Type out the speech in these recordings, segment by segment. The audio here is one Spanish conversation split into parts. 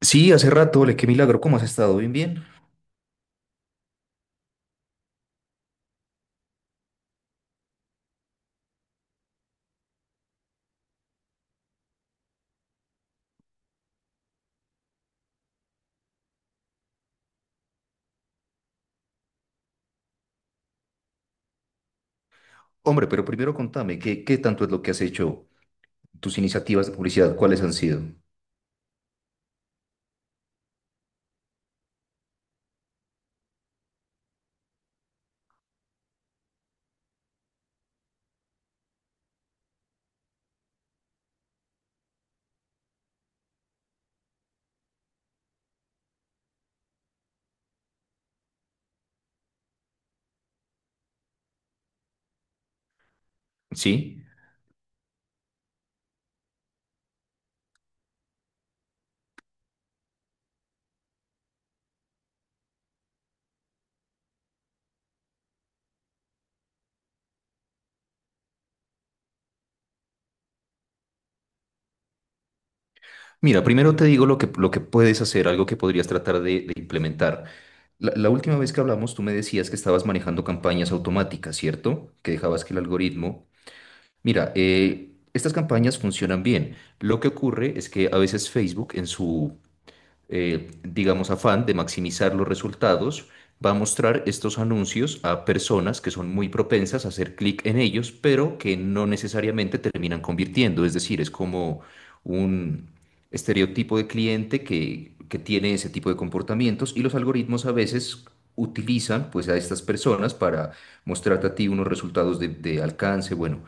Sí, hace rato, le qué milagro, ¿cómo has estado? Bien, bien. Hombre, pero primero contame, ¿qué tanto es lo que has hecho? Tus iniciativas de publicidad, ¿cuáles han sido? Sí. Mira, primero te digo lo que puedes hacer, algo que podrías tratar de implementar. La última vez que hablamos, tú me decías que estabas manejando campañas automáticas, ¿cierto? Que dejabas que el algoritmo... Mira, estas campañas funcionan bien. Lo que ocurre es que a veces Facebook en su digamos, afán de maximizar los resultados, va a mostrar estos anuncios a personas que son muy propensas a hacer clic en ellos, pero que no necesariamente terminan convirtiendo. Es decir, es como un estereotipo de cliente que tiene ese tipo de comportamientos y los algoritmos a veces utilizan pues a estas personas para mostrarte a ti unos resultados de alcance, bueno,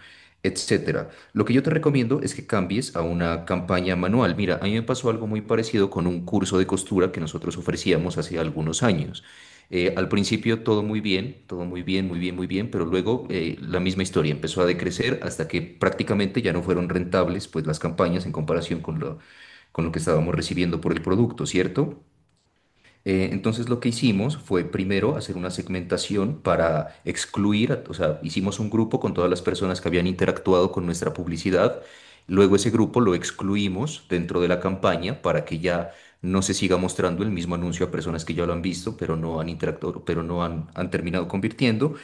etcétera. Lo que yo te recomiendo es que cambies a una campaña manual. Mira, a mí me pasó algo muy parecido con un curso de costura que nosotros ofrecíamos hace algunos años. Al principio todo muy bien, muy bien, muy bien, pero luego la misma historia empezó a decrecer hasta que prácticamente ya no fueron rentables pues las campañas en comparación con lo que estábamos recibiendo por el producto, ¿cierto? Entonces lo que hicimos fue primero hacer una segmentación para excluir, o sea, hicimos un grupo con todas las personas que habían interactuado con nuestra publicidad, luego ese grupo lo excluimos dentro de la campaña para que ya no se siga mostrando el mismo anuncio a personas que ya lo han visto, pero no han interactuado, pero no han, han terminado convirtiendo,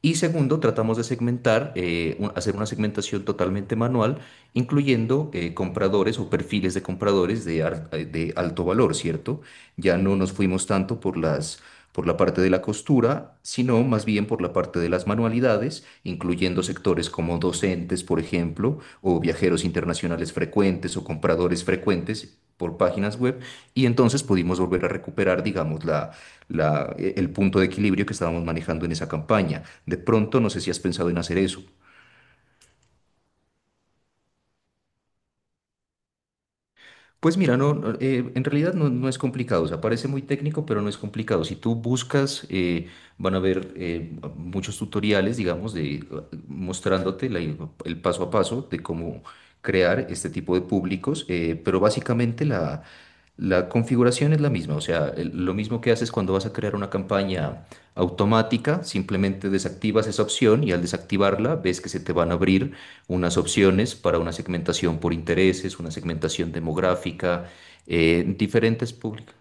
y segundo, tratamos de segmentar, hacer una segmentación totalmente manual, incluyendo compradores o perfiles de compradores de alto valor, ¿cierto? Ya no nos fuimos tanto por por la parte de la costura, sino más bien por la parte de las manualidades, incluyendo sectores como docentes, por ejemplo, o viajeros internacionales frecuentes o compradores frecuentes por páginas web. Y entonces pudimos volver a recuperar, digamos, el punto de equilibrio que estábamos manejando en esa campaña. De pronto, no sé si has pensado en hacer eso. Pues mira, no, no, en realidad no, no es complicado, o sea, parece muy técnico, pero no es complicado. Si tú buscas, van a haber muchos tutoriales, digamos, de, mostrándote el paso a paso de cómo crear este tipo de públicos, pero básicamente la configuración es la misma, o sea, lo mismo que haces cuando vas a crear una campaña automática, simplemente desactivas esa opción y al desactivarla ves que se te van a abrir unas opciones para una segmentación por intereses, una segmentación demográfica, diferentes públicos.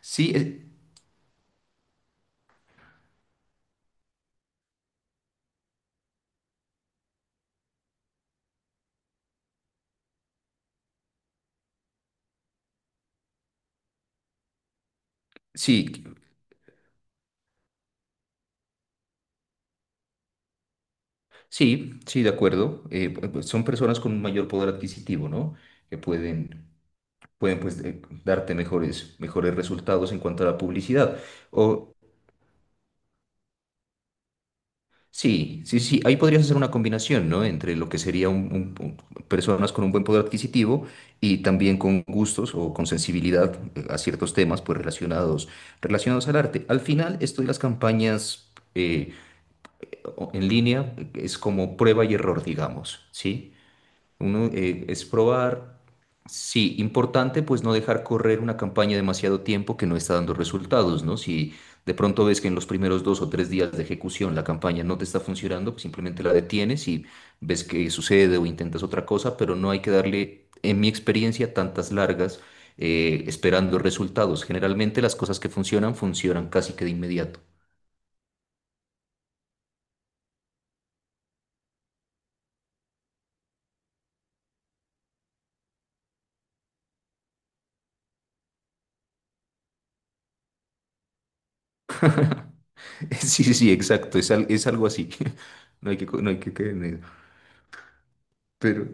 Sí, eh, sí, sí, de acuerdo. Pues, son personas con un mayor poder adquisitivo, ¿no? Que pueden, pueden pues, darte mejores, mejores resultados en cuanto a la publicidad. O, Sí, sí, sí. Ahí podrías hacer una combinación, ¿no? Entre lo que sería personas con un buen poder adquisitivo y también con gustos o con sensibilidad a ciertos temas, pues relacionados, relacionados al arte. Al final, esto de las campañas en línea es como prueba y error, digamos, ¿sí? Uno es probar. Sí, importante pues no dejar correr una campaña demasiado tiempo que no está dando resultados, ¿no? Si de pronto ves que en los primeros dos o tres días de ejecución la campaña no te está funcionando, pues simplemente la detienes y ves qué sucede o intentas otra cosa, pero no hay que darle, en mi experiencia, tantas largas esperando resultados. Generalmente las cosas que funcionan funcionan casi que de inmediato. Sí, sí, sí, exacto, es, es algo así. No hay que, no hay que caer en eso. Pero...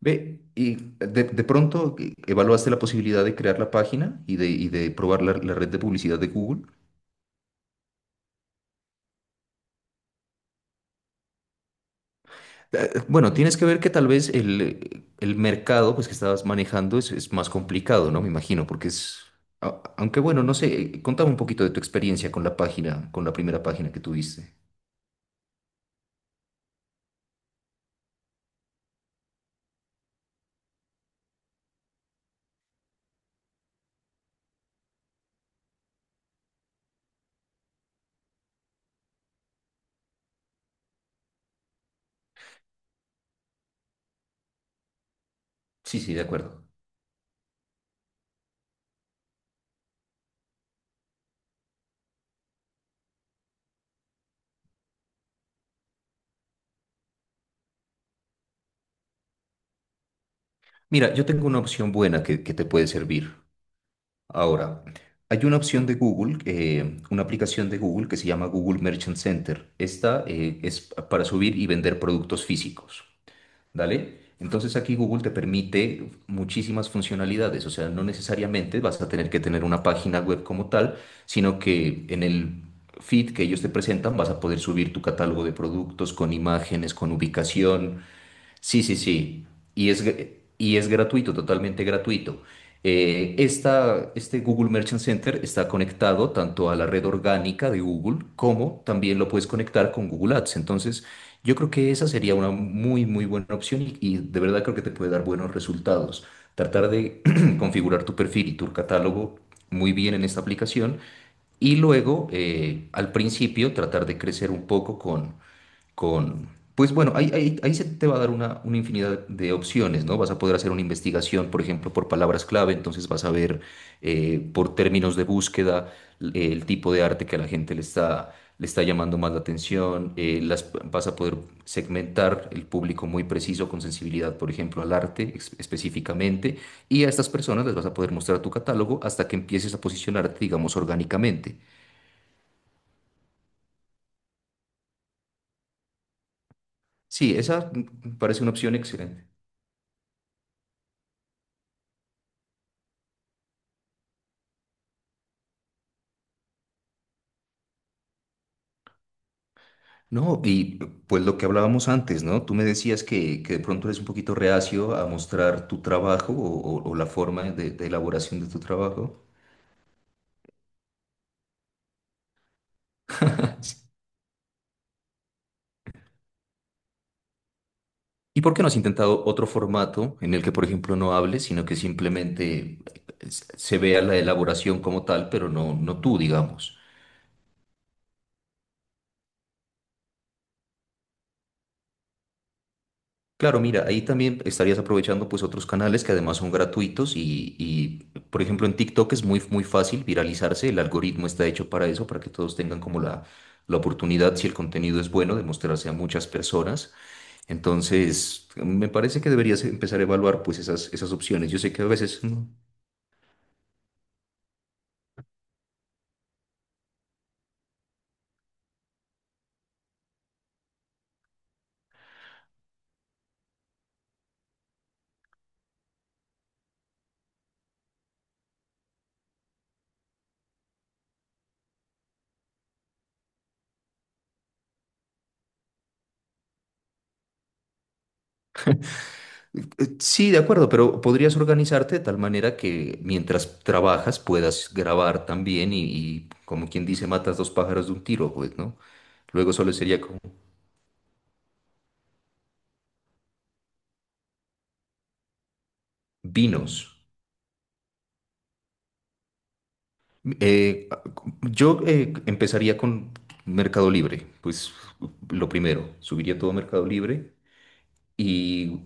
Ve, y de pronto evaluaste la posibilidad de crear la página y de probar la red de publicidad de Google. Bueno, tienes que ver que tal vez el mercado pues, que estabas manejando es más complicado, ¿no? Me imagino, porque es... Aunque bueno, no sé, contame un poquito de tu experiencia con la página, con la primera página que tuviste. Sí, sí, de acuerdo. Mira, yo tengo una opción buena que te puede servir. Ahora, hay una opción de Google, una aplicación de Google que se llama Google Merchant Center. Esta es para subir y vender productos físicos, ¿vale? Entonces aquí Google te permite muchísimas funcionalidades, o sea, no necesariamente vas a tener que tener una página web como tal, sino que en el feed que ellos te presentan vas a poder subir tu catálogo de productos con imágenes, con ubicación, sí, sí, sí. Y es, gr- y es gratuito, totalmente gratuito. Esta, este Google Merchant Center está conectado tanto a la red orgánica de Google como también lo puedes conectar con Google Ads. Entonces, yo creo que esa sería una muy, muy buena opción y de verdad creo que te puede dar buenos resultados. Tratar de configurar tu perfil y tu catálogo muy bien en esta aplicación. Y luego, al principio, tratar de crecer un poco con pues bueno, ahí, ahí, ahí se te va a dar una infinidad de opciones, ¿no? Vas a poder hacer una investigación, por ejemplo, por palabras clave, entonces vas a ver por términos de búsqueda el tipo de arte que a la gente le está llamando más la atención, vas a poder segmentar el público muy preciso con sensibilidad, por ejemplo, al arte específicamente, y a estas personas les vas a poder mostrar tu catálogo hasta que empieces a posicionarte, digamos, orgánicamente. Sí, esa parece una opción excelente. No, y pues lo que hablábamos antes, ¿no? Tú me decías que de pronto eres un poquito reacio a mostrar tu trabajo o la forma de elaboración de tu trabajo. ¿Y por qué no has intentado otro formato en el que, por ejemplo, no hables, sino que simplemente se vea la elaboración como tal, pero no, no tú, digamos? Claro, mira, ahí también estarías aprovechando pues otros canales que además son gratuitos y, por ejemplo en TikTok es muy, muy fácil viralizarse, el algoritmo está hecho para eso, para que todos tengan como la oportunidad, si el contenido es bueno, de mostrarse a muchas personas. Entonces, me parece que deberías empezar a evaluar pues esas, esas opciones. Yo sé que a veces... sí, de acuerdo, pero podrías organizarte de tal manera que mientras trabajas puedas grabar también y como quien dice, matas dos pájaros de un tiro, pues, ¿no? Luego solo sería como Vinos. Eh, yo empezaría con Mercado Libre, pues lo primero, subiría todo a Mercado Libre y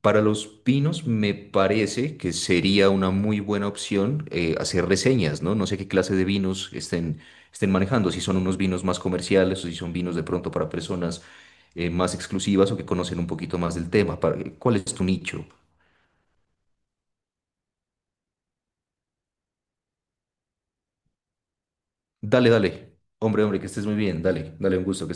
para los vinos me parece que sería una muy buena opción hacer reseñas, ¿no? No sé qué clase de vinos estén, estén manejando, si son unos vinos más comerciales o si son vinos de pronto para personas más exclusivas o que conocen un poquito más del tema. Para- ¿cuál es tu nicho? Dale, dale. Hombre, hombre, que estés muy bien. Dale, dale, un gusto.